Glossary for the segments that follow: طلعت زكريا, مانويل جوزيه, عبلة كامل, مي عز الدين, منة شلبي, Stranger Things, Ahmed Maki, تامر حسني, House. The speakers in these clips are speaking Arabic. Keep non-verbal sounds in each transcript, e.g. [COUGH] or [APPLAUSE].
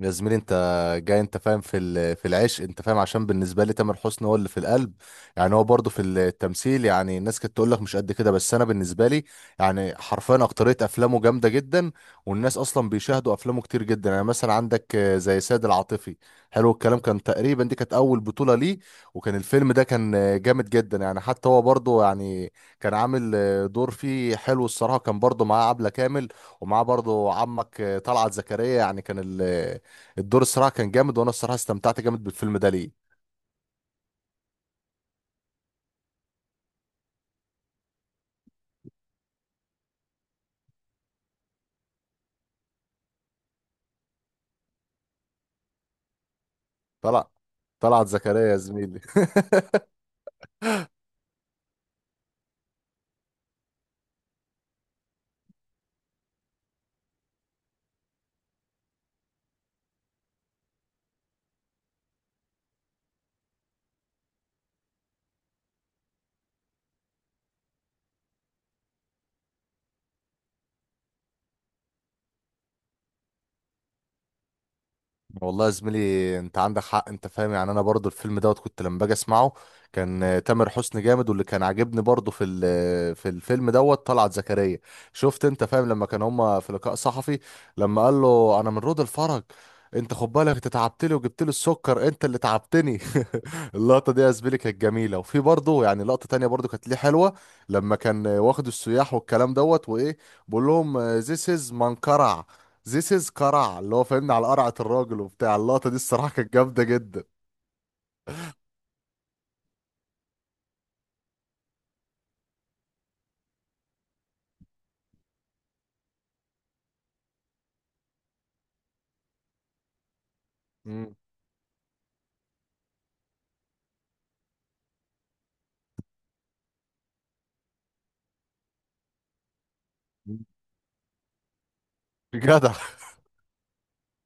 يا زميلي، انت جاي انت فاهم في العشق. انت فاهم عشان بالنسبه لي تامر حسني هو اللي في القلب. يعني هو برضه في التمثيل، يعني الناس كانت تقول لك مش قد كده، بس انا بالنسبه لي يعني حرفيا اكتريه افلامه جامده جدا. والناس اصلا بيشاهدوا افلامه كتير جدا. يعني مثلا عندك زي سيد العاطفي. حلو الكلام، كان تقريبا دي كانت اول بطوله ليه. وكان الفيلم ده كان جامد جدا. يعني حتى هو برضه يعني كان عامل دور فيه حلو الصراحه. كان برضه معاه عبله كامل، ومعاه برضه عمك طلعت زكريا. يعني كان الدور الصراحه كان جامد، وانا الصراحه استمتعت جامد بالفيلم ده ليه. طلع طلعت زكريا يا زميلي. [LAUGHS] والله يا زميلي انت عندك حق. انت فاهم يعني انا برضو الفيلم دوت كنت لما باجي اسمعه كان تامر حسني جامد. واللي كان عاجبني برضو في الفيلم دوت طلعت زكريا. شفت انت فاهم لما كان هما في لقاء صحفي، لما قال له انا من رود الفرج، انت خد بالك انت تعبت لي وجبت لي السكر، انت اللي تعبتني. اللقطة دي يا زميلي كانت جميلة. وفي برضه يعني لقطة تانية برضه كانت ليه حلوة، لما كان واخد السياح والكلام دوت وإيه بقول لهم ذيس از قرع، اللي هو فاهمني على قرعة الراجل وبتاع. اللقطة دي الصراحة كانت جامدة جدا. مم. جدع.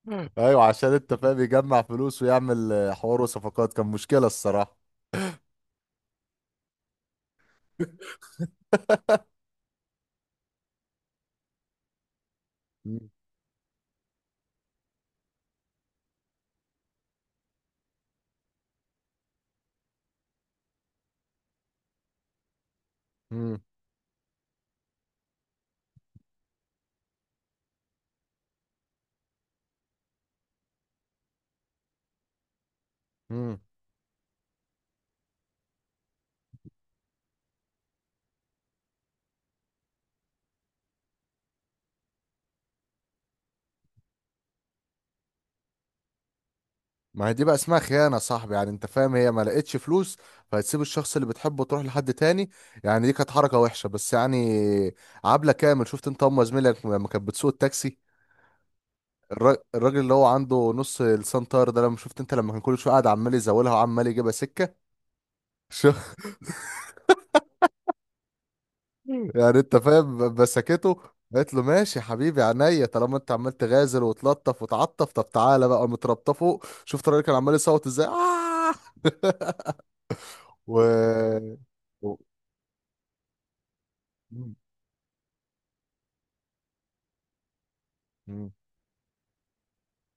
[LAUGHS] أيوة، عشان أنت فاهم يجمع فلوس ويعمل حوار وصفقات، كان مشكلة الصراحة. مم. مم. مم. ما هي دي بقى اسمها خيانة يا صاحبي. يعني انت فاهم هي ما لقيتش فلوس، فهتسيب الشخص اللي بتحبه وتروح لحد تاني. يعني دي كانت حركة وحشة، بس يعني عبلة كامل شفت انت ام زميلك لما كانت بتسوق التاكسي، الراجل اللي هو عنده نص لسان طاير ده، لما شفت انت لما كان كل شوية قاعد عمال يزولها وعمال يجيبها سكة. شو [LAUGHS] يعني انت فاهم بسكته. قالت له ماشي يا حبيبي عينيا، طالما انت عمال تغازل وتلطف وتعطف، طب تعالى بقى متربطه فوق. شفت الراجل كان عمال يصوت ازاي، آه! [LAUGHS] و... و... مم.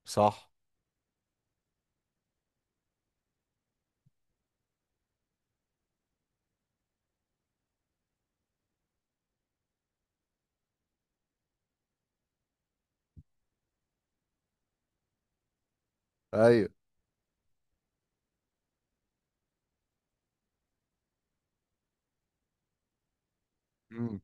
صح. ايوه. مم.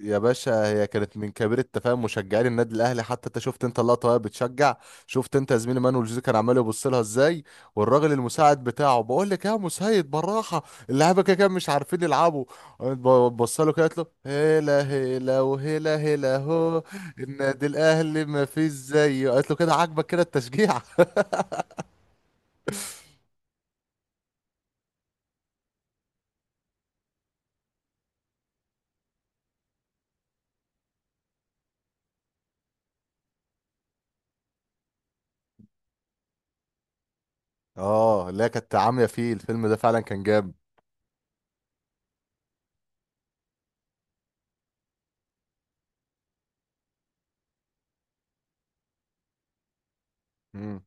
يا باشا، هي كانت من كبير التفاهم مشجعين النادي الاهلي، حتى انت شفت انت اللقطه وهي بتشجع. شفت انت يا زميلي مانويل جوزيه كان عمال يبص لها ازاي، والراجل المساعد بتاعه بقول لك يا مسيد بالراحه، اللعيبه كده كده مش عارفين يلعبوا. بص له كده، قالت له هلا هلا وهلا هلا، هو النادي الاهلي ما فيش زيه. قالت له كده عاجبك كده التشجيع. [LAUGHS] اه، لا، كانت عاميه فيه. الفيلم ده فعلا كان جامد. مم.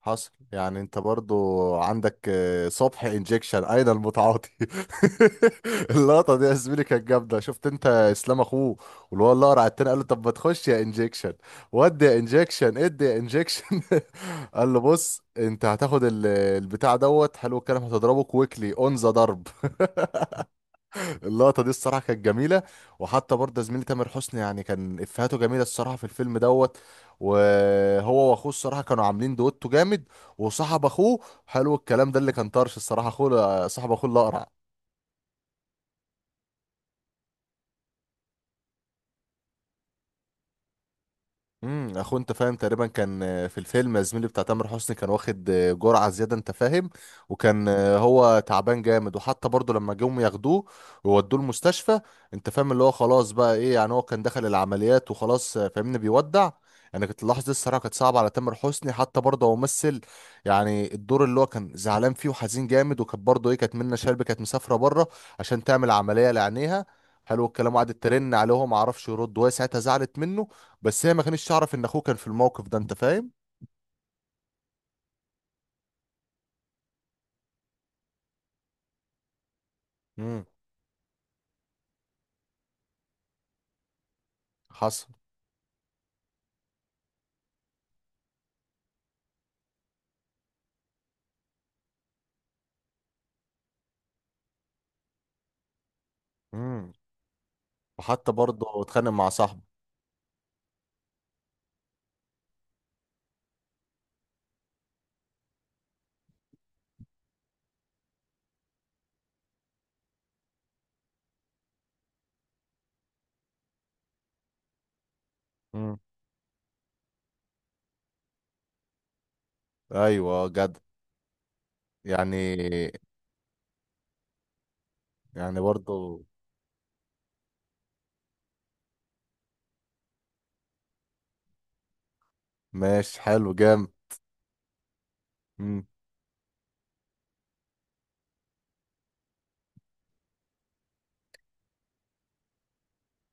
حصل. يعني انت برضو عندك صبح انجكشن اين المتعاطي. [LAUGHS] اللقطه دي يا زميلي كانت جامده. شفت انت اسلام اخوه، واللي هو اللي قرع التاني قال له طب ما تخش يا انجكشن، ودي يا انجكشن ادي يا انجكشن. [LAUGHS] قال له بص انت هتاخد البتاع دوت حلو الكلام، هتضربه كويكلي اون ذا ضرب. اللقطه دي الصراحه كانت جميله. وحتى برضه زميلي تامر حسني يعني كان افهاته جميله الصراحه في الفيلم دوت. وهو واخوه الصراحه كانوا عاملين دويتو جامد. وصاحب اخوه حلو الكلام، ده اللي كان طرش الصراحه اخوه، صاحب اخوه الاقرع. انت فاهم تقريبا كان في الفيلم زميلي بتاع تامر حسني كان واخد جرعه زياده انت فاهم. وكان هو تعبان جامد. وحتى برضه لما جم ياخدوه وودوه المستشفى انت فاهم، اللي هو خلاص بقى ايه يعني هو كان دخل العمليات وخلاص، فاهمني بيودع. يعني كنت اللحظه دي الصراحه كانت صعبه على تامر حسني. حتى برضه هو ممثل، يعني الدور اللي هو كان زعلان فيه وحزين جامد. وكانت برضه ايه كانت منة شلبي كانت مسافره بره عشان تعمل عمليه لعينيها، حلو الكلام. وقعدت ترن عليه وهو ما عرفش يرد، وهي ساعتها زعلت منه. بس هي ما كانتش تعرف ان اخوه كان في الموقف ده انت فاهم. امم. حصل. امم. وحتى برضه اتخانق مع صاحبه. امم. ايوه جد. يعني يعني برضه. ماشي حلو جامد.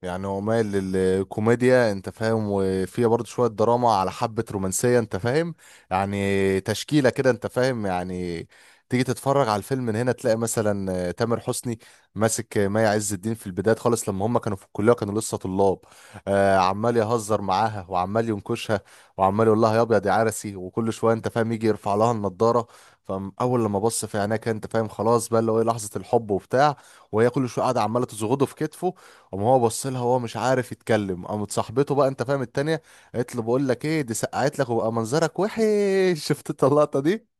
يعني هو مايل للكوميديا انت فاهم، وفيها برضه شوية دراما على حبة رومانسية انت فاهم. يعني تشكيلة كده انت فاهم يعني. تيجي تتفرج على الفيلم من هنا تلاقي مثلا تامر حسني ماسك مي عز الدين في البداية خالص، لما هم كانوا في الكلية كانوا لسه طلاب. عمال يهزر معاها وعمال ينكشها، وعمال يقول لها يا ابيض يا عرسي، وكل شوية انت فاهم يجي يرفع لها النضارة. فاول لما بص في عينيها كان انت فاهم خلاص بقى اللي هو إيه، لحظة الحب وبتاع. وهي كل شوية قاعدة عمالة تزغده في كتفه، قام هو بص لها هو مش عارف يتكلم. قامت صاحبته بقى انت فاهم التانية قالت له بقول لك ايه دي سقعت لك، وبقى منظرك وحش. [LAUGHS] شفت انت اللقطة دي.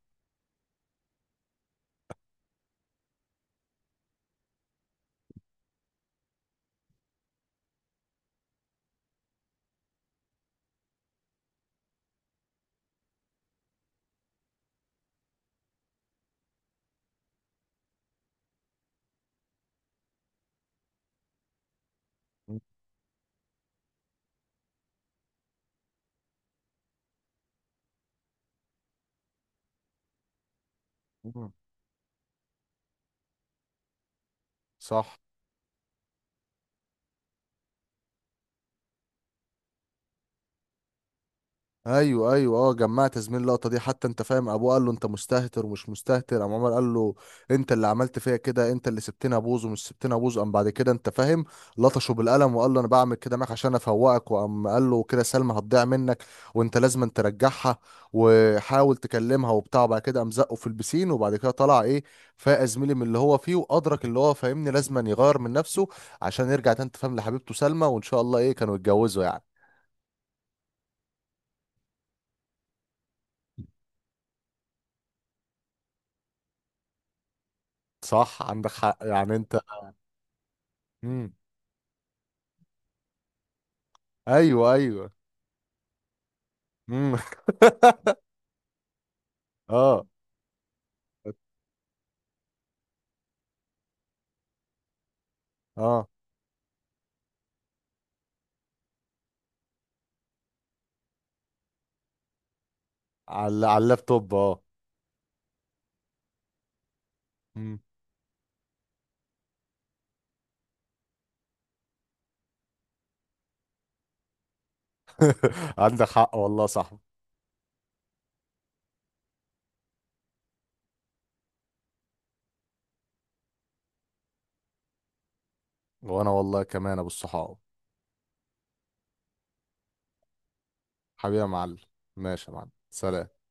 مم. صح. ايوه ايوه. اه جمعت زميل اللقطه دي. حتى انت فاهم ابوه قال له انت مستهتر ومش مستهتر، قام عمر قال له انت اللي عملت فيا كده، انت اللي سبتني ابوظ ومش سبتني ابوظ. قام بعد كده انت فاهم لطشه بالقلم وقال له انا بعمل كده معاك عشان افوقك. وقام قال له كده سلمى هتضيع منك، وانت لازم ترجعها وحاول تكلمها وبتاع. بعد كده قام زقه في البسين، وبعد كده طلع ايه، فاق زميلي من اللي هو فيه وادرك اللي هو فاهمني لازم يغير من نفسه عشان يرجع تاني أنت فاهم لحبيبته سلمى، وان شاء الله ايه كانوا يتجوزوا يعني. صح عندك حق يعني انت. امم. ايوه ايوه. امم. [LAUGHS] اه. اه. على اللابتوب اه. مم. [LAUGHS] عندك حق والله صح. وانا والله كمان ابو الصحاب. حبيبي يا معلم. ماشي يا معلم، سلام.